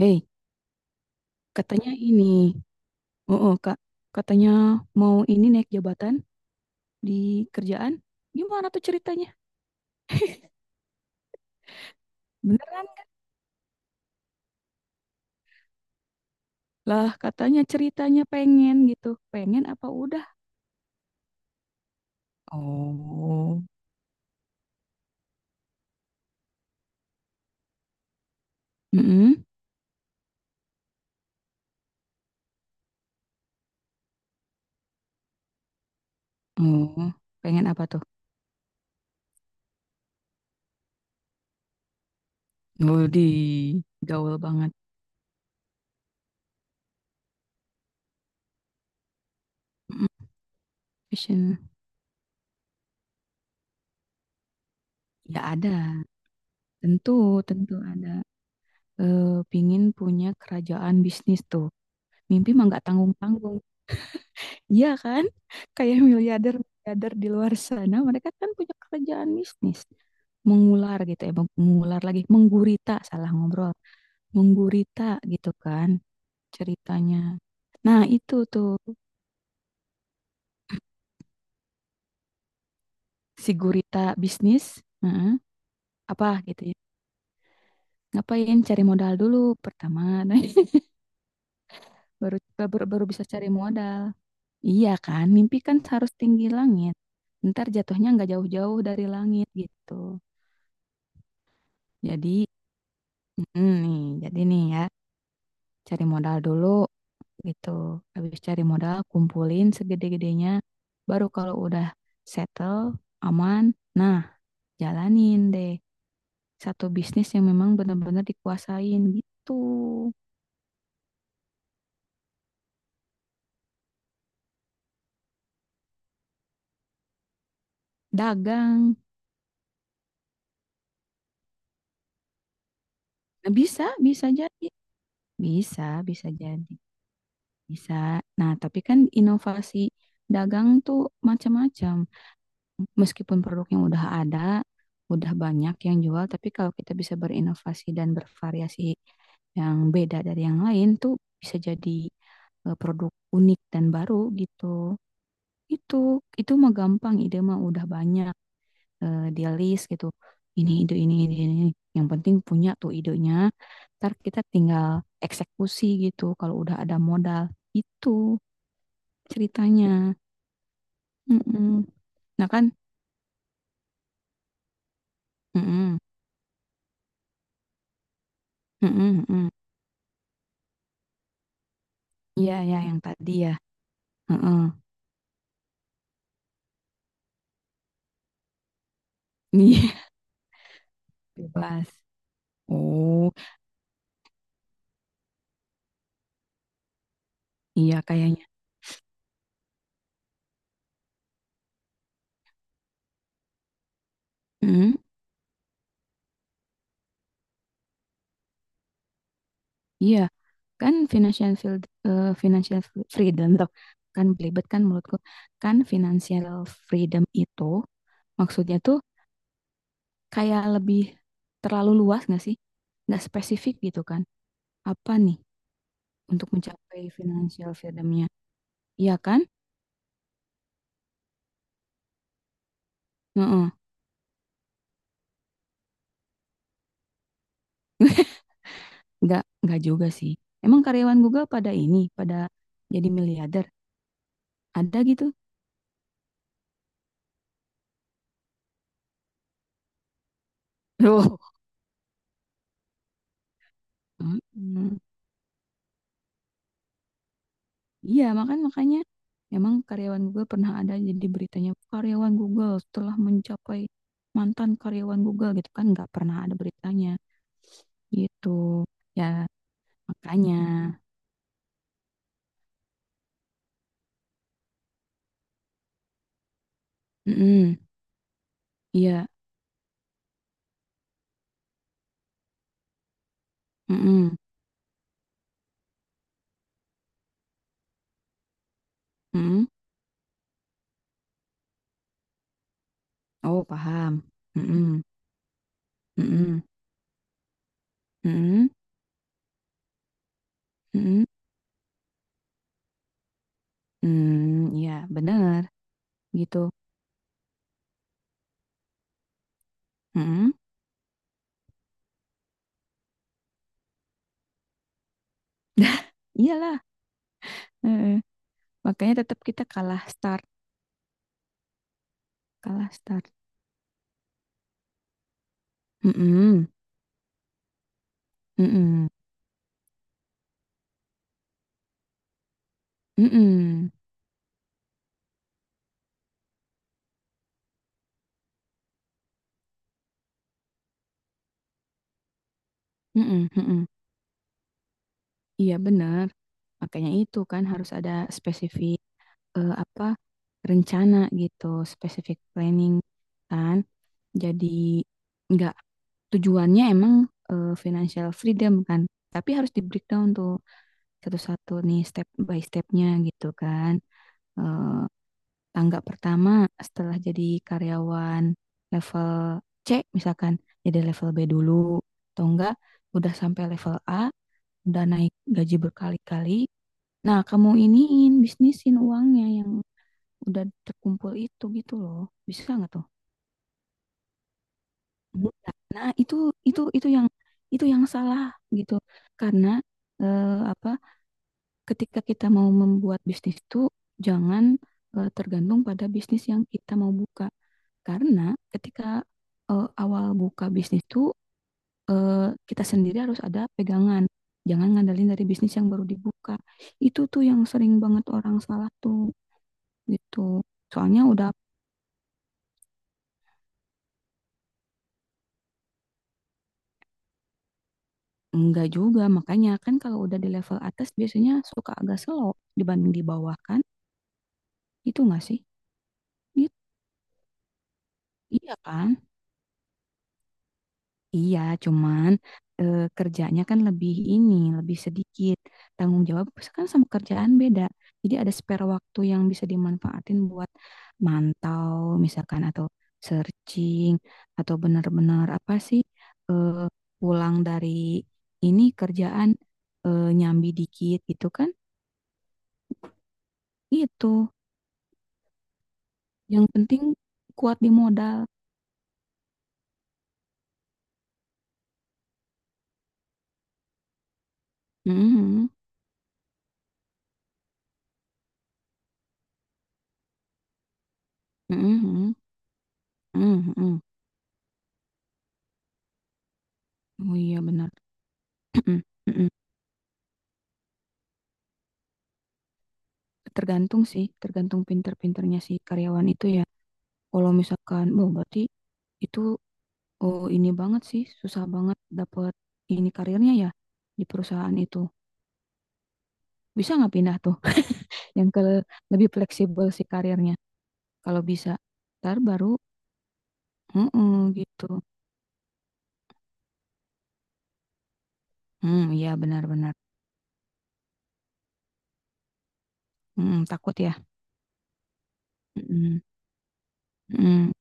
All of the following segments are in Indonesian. Hei, katanya ini, oh, Kak, katanya mau ini naik jabatan di kerjaan. Gimana tuh ceritanya? Beneran lah, katanya ceritanya pengen gitu. Pengen apa udah? Oh. Mm. Oh, pengen apa tuh? Oh, di gaul banget. Mm-mm. Vision, ya ada. Tentu, tentu ada. Pingin punya kerajaan bisnis tuh. Mimpi mah nggak tanggung-tanggung. Iya kan? Kayak miliarder-miliarder di luar sana, mereka kan punya kerjaan bisnis. Mengular gitu ya, mengular lagi, menggurita, salah ngobrol. Menggurita gitu kan ceritanya. Nah, itu tuh si gurita bisnis, heeh, apa gitu ya. Ngapain cari modal dulu pertama, nah, baru, baru baru bisa cari modal. Iya kan, mimpi kan harus tinggi langit. Ntar jatuhnya nggak jauh-jauh dari langit gitu. Jadi, mm, nih, jadi nih ya, cari modal dulu gitu. Habis cari modal, kumpulin segede-gedenya. Baru kalau udah settle, aman, nah jalanin deh satu bisnis yang memang benar-benar dikuasain gitu. Dagang. Nah, bisa, bisa jadi. Bisa, bisa jadi. Bisa. Nah, tapi kan inovasi dagang tuh macam-macam. Meskipun produk yang udah ada, udah banyak yang jual, tapi kalau kita bisa berinovasi dan bervariasi yang beda dari yang lain tuh bisa jadi produk unik dan baru gitu. Itu itu mah gampang, ide mah udah banyak di list gitu. Ini ide ini ide ini. Yang penting punya tuh idenya. Ntar kita tinggal eksekusi gitu kalau udah ada modal. Itu ceritanya. Mm-mm. Nah kan? Mm-mm. Mm-mm. Mm-mm. Iya, ya, yang tadi ya. Heeh. Iya, bebas. Oh, iya kayaknya. Mm, iya, kan financial field, eh, financial fr- freedom tuh. Kan belibet kan menurutku. Kan financial freedom itu maksudnya tuh kayak lebih terlalu luas nggak sih? Nggak spesifik gitu kan? Apa nih untuk mencapai financial freedomnya? Iya kan? Heeh. Nggak juga sih. Emang karyawan Google pada ini, pada jadi miliarder? Ada gitu? Loh. Mm-mm. Iya, makanya memang karyawan Google pernah ada jadi beritanya, karyawan Google setelah mencapai, mantan karyawan Google gitu kan nggak pernah ada beritanya gitu. Ya, makanya. Mm-mm. Iya. Mm-mm. Mm-mm. Oh, paham. Mm-mm. Mm-mm. Mm-mm. Mm-mm. Mm, iya, bener gitu. Mm-mm. Iyalah. Heeh. Makanya tetap kita kalah start, kalah start. Mm-mm. Mm-mm. Mm-mm. Mhm, mhm. Iya benar. Makanya itu kan harus ada spesifik, apa, rencana gitu, spesifik planning kan. Jadi nggak, tujuannya emang financial freedom kan. Tapi harus di breakdown tuh satu-satu nih, step by stepnya gitu kan. Eh, Tangga pertama setelah jadi karyawan level C, misalkan jadi level B dulu, atau enggak udah sampai level A, udah naik gaji berkali-kali. Nah, kamu iniin, bisnisin uangnya yang udah terkumpul itu gitu loh. Bisa nggak tuh? Bisa. Nah, itu yang itu yang salah gitu. Karena eh, apa? Ketika kita mau membuat bisnis itu jangan tergantung pada bisnis yang kita mau buka. Karena ketika awal buka bisnis itu, eh, kita sendiri harus ada pegangan. Jangan ngandelin dari bisnis yang baru dibuka. Itu tuh yang sering banget orang salah tuh, gitu. Soalnya udah. Enggak juga, makanya kan kalau udah di level atas biasanya suka agak slow dibanding di bawah kan? Itu enggak sih? Gitu. Iya kan? Iya, cuman kerjanya kan lebih ini, lebih sedikit. Tanggung jawab kan sama kerjaan beda. Jadi ada spare waktu yang bisa dimanfaatin buat mantau misalkan, atau searching, atau benar-benar apa sih, eh, pulang dari ini kerjaan nyambi dikit gitu kan. Itu yang penting kuat di modal. Mhm, mhm, mhm. Oh, iya benar. Mhm. Tergantung sih, tergantung pinter-pinternya si karyawan itu ya. Kalau misalkan, oh berarti itu, oh ini banget sih, susah banget dapat ini karirnya ya di perusahaan itu. Bisa nggak pindah tuh yang ke lebih fleksibel si karirnya? Kalau bisa, ntar baru, mhm, gitu. Hmm, iya benar-benar. Mhm, takut ya. Mhm, mhm,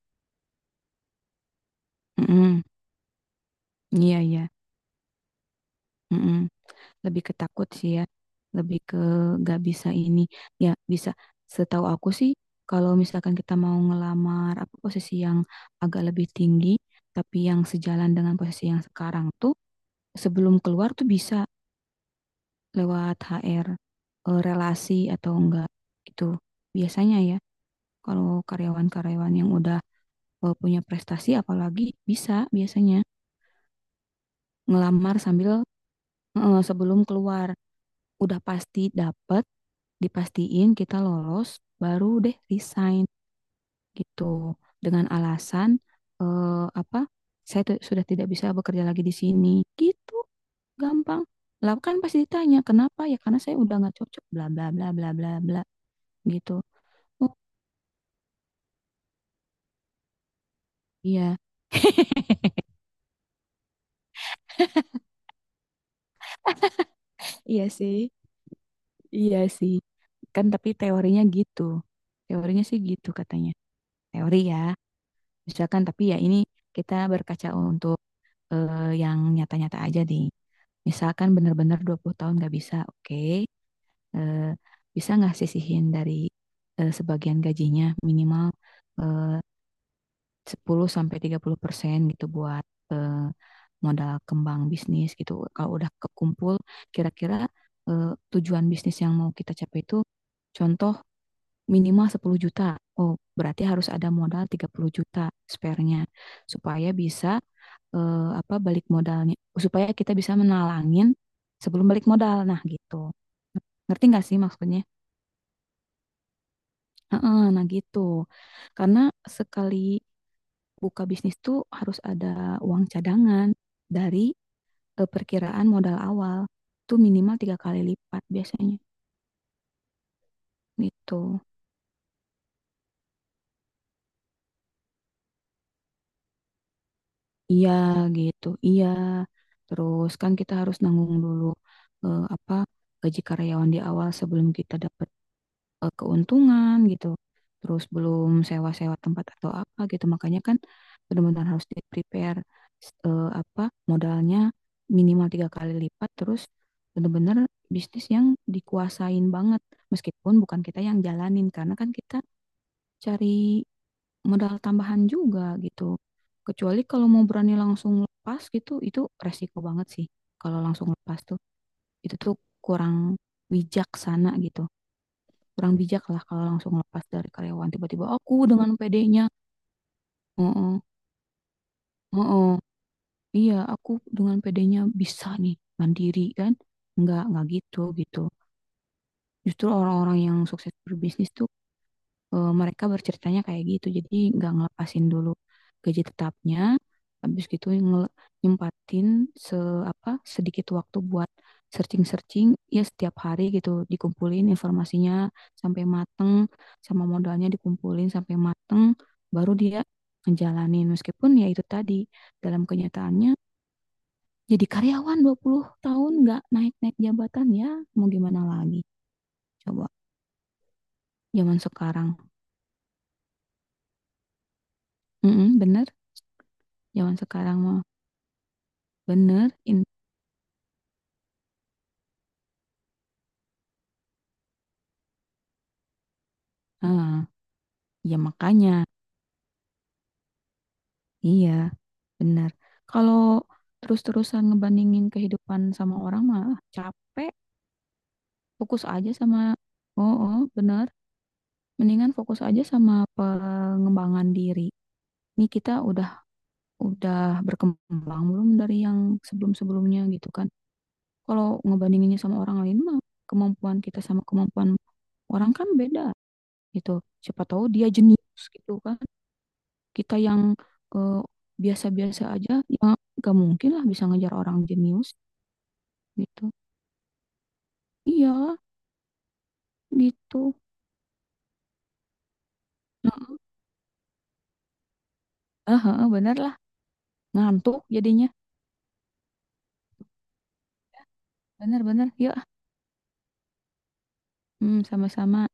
mhm. Iya ya, lebih ketakut sih ya, lebih ke gak bisa ini. Ya bisa. Setahu aku sih, kalau misalkan kita mau ngelamar apa posisi yang agak lebih tinggi, tapi yang sejalan dengan posisi yang sekarang tuh, sebelum keluar tuh bisa lewat HR, relasi atau enggak, itu biasanya ya. Kalau karyawan-karyawan yang udah punya prestasi, apalagi bisa, biasanya ngelamar sambil sebelum keluar udah pasti dapet, dipastiin kita lolos, baru deh resign gitu, dengan alasan eh, apa, saya sudah tidak bisa bekerja lagi di sini gitu. Gampang lah, kan pasti ditanya kenapa, ya karena saya udah nggak cocok, bla bla bla bla bla bla gitu. Oh, iya iya sih, iya sih, kan tapi teorinya gitu, teorinya sih gitu katanya, teori ya misalkan, tapi ya ini kita berkaca untuk yang nyata-nyata aja deh. Misalkan benar-benar 20 tahun nggak bisa, oke. Eh, Bisa nggak sisihin dari sebagian gajinya, minimal eh, 10 sampai tiga puluh persen gitu buat eh, modal kembang bisnis gitu. Kalau udah kekumpul kira-kira eh, tujuan bisnis yang mau kita capai itu, contoh minimal 10 juta. Oh, berarti harus ada modal 30 juta, spare-nya, supaya bisa apa, balik modalnya, supaya kita bisa menalangin sebelum balik modal. Nah, gitu. Ngerti nggak sih maksudnya? Heeh, nah gitu. Karena sekali buka bisnis tuh harus ada uang cadangan dari perkiraan modal awal tuh minimal tiga kali lipat biasanya gitu. Iya gitu, iya. Terus kan kita harus nanggung dulu apa, gaji karyawan di awal sebelum kita dapat keuntungan gitu. Terus belum sewa-sewa tempat atau apa gitu. Makanya kan benar-benar harus di-prepare, apa, modalnya minimal tiga kali lipat. Terus benar-benar bisnis yang dikuasain banget. Meskipun bukan kita yang jalanin karena kan kita cari modal tambahan juga gitu. Kecuali kalau mau berani langsung lepas gitu, itu resiko banget sih. Kalau langsung lepas tuh, itu tuh kurang bijaksana gitu. Kurang bijak lah kalau langsung lepas dari karyawan. Tiba-tiba aku dengan pedenya, nya oh, oh, iya, aku dengan pedenya bisa nih mandiri kan. Nggak gitu gitu. Justru orang-orang yang sukses berbisnis tuh mereka berceritanya kayak gitu, jadi nggak ngelepasin dulu gaji tetapnya, habis gitu nyempatin se apa, sedikit waktu buat searching-searching ya setiap hari gitu, dikumpulin informasinya sampai mateng, sama modalnya dikumpulin sampai mateng, baru dia ngejalanin. Meskipun ya itu tadi, dalam kenyataannya jadi karyawan 20 tahun nggak naik-naik jabatan, ya mau gimana lagi, coba, zaman sekarang. Mm-mm, bener, zaman sekarang mah. Bener, ah, ya makanya, iya, bener. Kalau terus-terusan ngebandingin kehidupan sama orang mah, ah, capek, fokus aja sama, oh, bener. Mendingan fokus aja sama pengembangan diri. Nih kita udah berkembang belum dari yang sebelum-sebelumnya gitu kan. Kalau ngebandinginnya sama orang lain mah, kemampuan kita sama kemampuan orang kan beda gitu. Siapa tahu dia jenius gitu kan, kita yang eh, biasa-biasa aja ya, gak mungkin lah bisa ngejar orang jenius gitu, iya gitu. Nah, ah, bener lah, ngantuk jadinya, bener-bener yuk ah. Hmm, sama-sama.